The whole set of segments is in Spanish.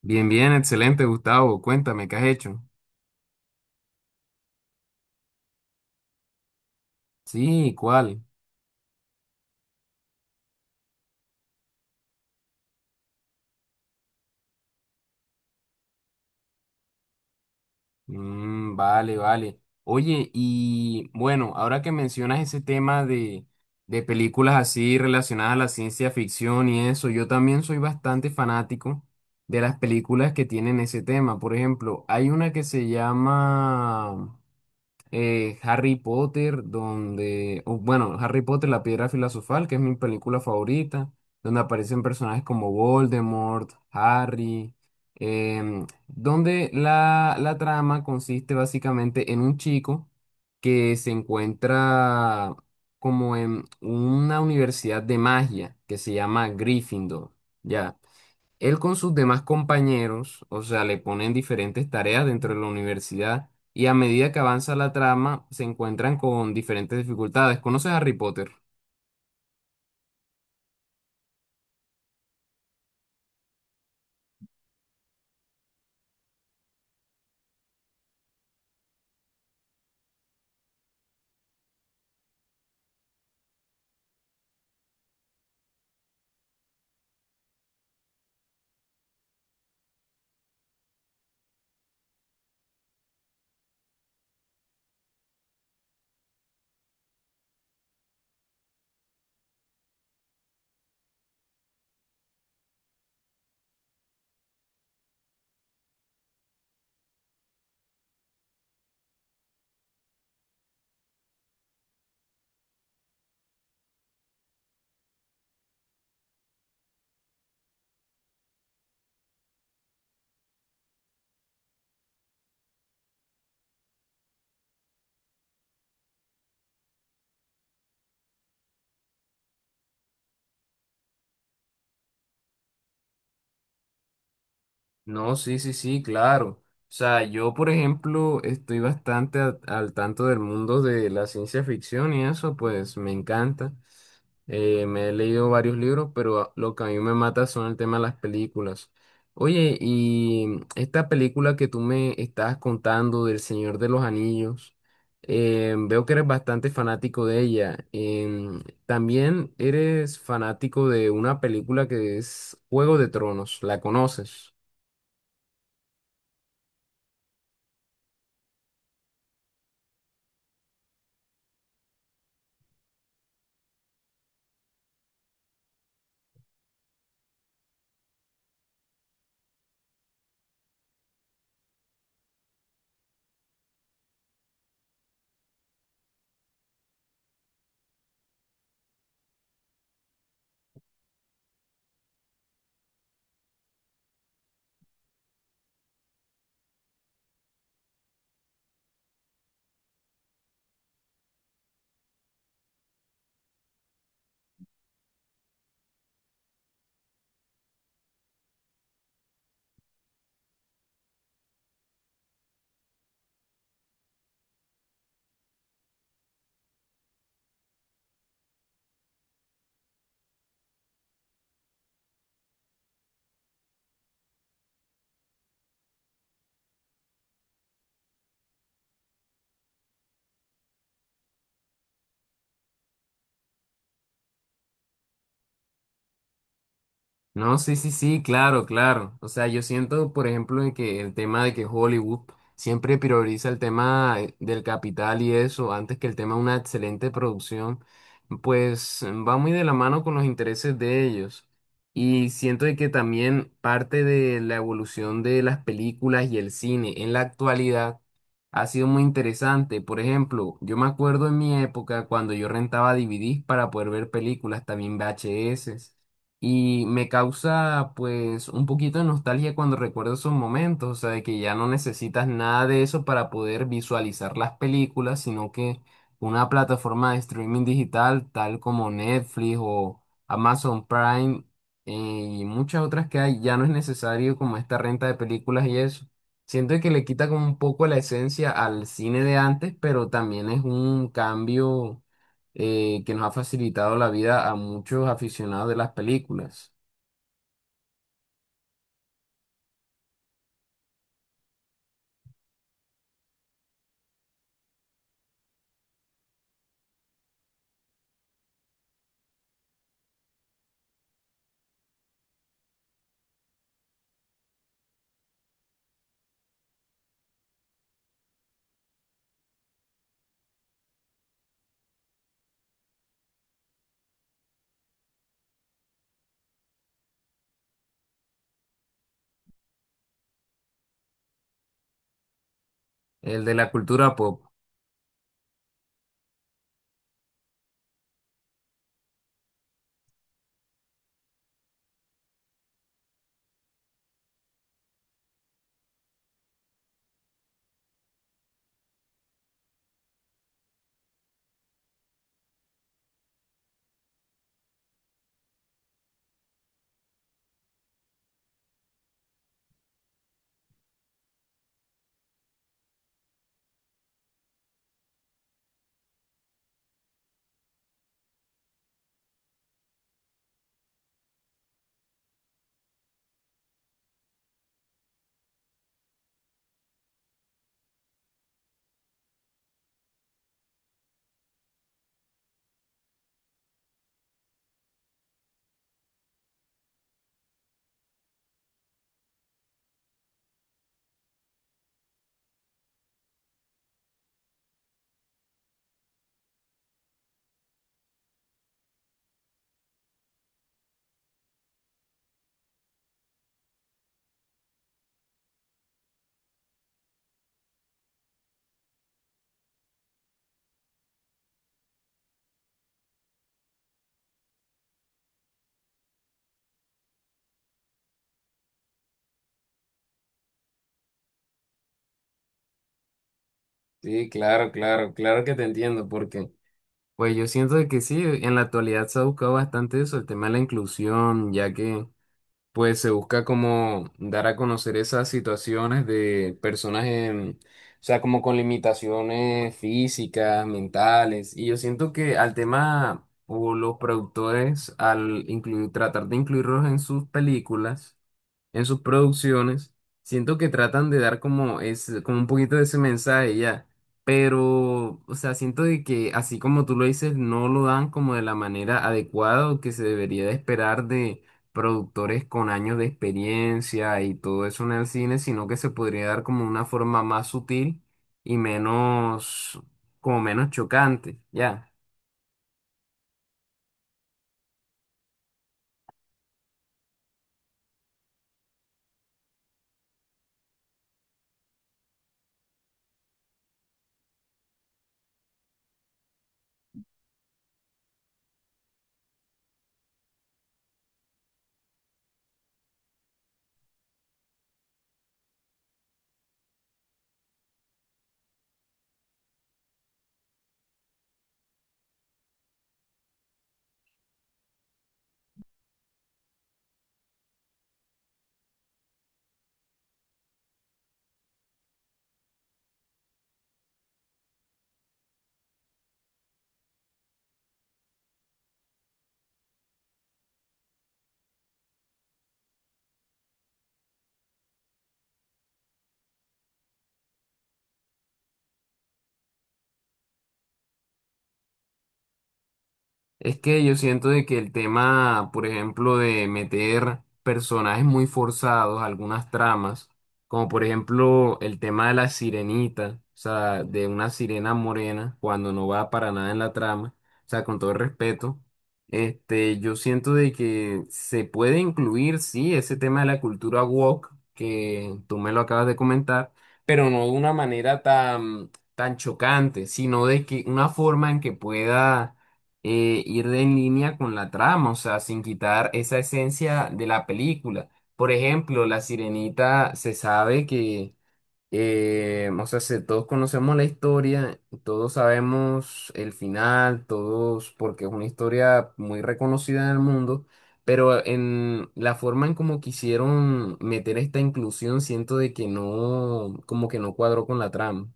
Bien, bien, excelente, Gustavo. Cuéntame, ¿qué has hecho? Sí, ¿cuál? Vale, vale. Oye, y bueno, ahora que mencionas ese tema de películas así relacionadas a la ciencia ficción y eso, yo también soy bastante fanático de las películas que tienen ese tema. Por ejemplo, hay una que se llama Harry Potter, donde, o, bueno, Harry Potter, La Piedra Filosofal, que es mi película favorita, donde aparecen personajes como Voldemort, Harry, donde la trama consiste básicamente en un chico que se encuentra como en una universidad de magia que se llama Gryffindor. Ya. Él con sus demás compañeros, o sea, le ponen diferentes tareas dentro de la universidad y a medida que avanza la trama se encuentran con diferentes dificultades. ¿Conoces a Harry Potter? No, sí, sí, sí, claro. O sea, yo, por ejemplo, estoy bastante al tanto del mundo de la ciencia ficción y eso, pues me encanta. Me he leído varios libros, pero lo que a mí me mata son el tema de las películas. Oye, y esta película que tú me estabas contando del Señor de los Anillos, veo que eres bastante fanático de ella. También eres fanático de una película que es Juego de Tronos, ¿la conoces? No, sí, sí, sí, claro, claro. O sea, yo siento, por ejemplo, de que el tema de que Hollywood siempre prioriza el tema del capital y eso, antes que el tema de una excelente producción, pues va muy de la mano con los intereses de ellos. Y siento de que también parte de la evolución de las películas y el cine en la actualidad ha sido muy interesante. Por ejemplo, yo me acuerdo en mi época cuando yo rentaba DVDs para poder ver películas, también VHS. Y me causa pues un poquito de nostalgia cuando recuerdo esos momentos, o sea, de que ya no necesitas nada de eso para poder visualizar las películas, sino que una plataforma de streaming digital tal como Netflix o Amazon Prime eh, y muchas otras que hay, ya no es necesario como esta renta de películas y eso. Siento que le quita como un poco la esencia al cine de antes, pero también es un cambio que nos ha facilitado la vida a muchos aficionados de las películas, el de la cultura pop. Sí, claro, claro, claro que te entiendo, porque pues yo siento de que sí, en la actualidad se ha buscado bastante eso, el tema de la inclusión, ya que pues se busca como dar a conocer esas situaciones de personas en, o sea, como con limitaciones físicas, mentales, y yo siento que al tema o los productores al incluir, tratar de incluirlos en sus películas, en sus producciones, siento que tratan de dar como, es, como un poquito de ese mensaje ya, pero, o sea, siento de que así como tú lo dices, no lo dan como de la manera adecuada o que se debería de esperar de productores con años de experiencia y todo eso en el cine, sino que se podría dar como una forma más sutil y menos, como menos chocante, ya. Es que yo siento de que el tema, por ejemplo, de meter personajes muy forzados, algunas tramas, como por ejemplo el tema de la sirenita, o sea, de una sirena morena, cuando no va para nada en la trama, o sea, con todo el respeto, este, yo siento de que se puede incluir, sí, ese tema de la cultura woke, que tú me lo acabas de comentar, pero no de una manera tan, tan chocante, sino de que una forma en que pueda ir en línea con la trama, o sea, sin quitar esa esencia de la película. Por ejemplo, La Sirenita se sabe que, o sea, todos conocemos la historia, todos sabemos el final, todos, porque es una historia muy reconocida en el mundo. Pero en la forma en como quisieron meter esta inclusión, siento de que no, como que no cuadró con la trama.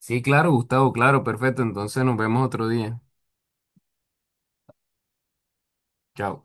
Sí, claro, Gustavo, claro, perfecto. Entonces nos vemos otro día. Chao.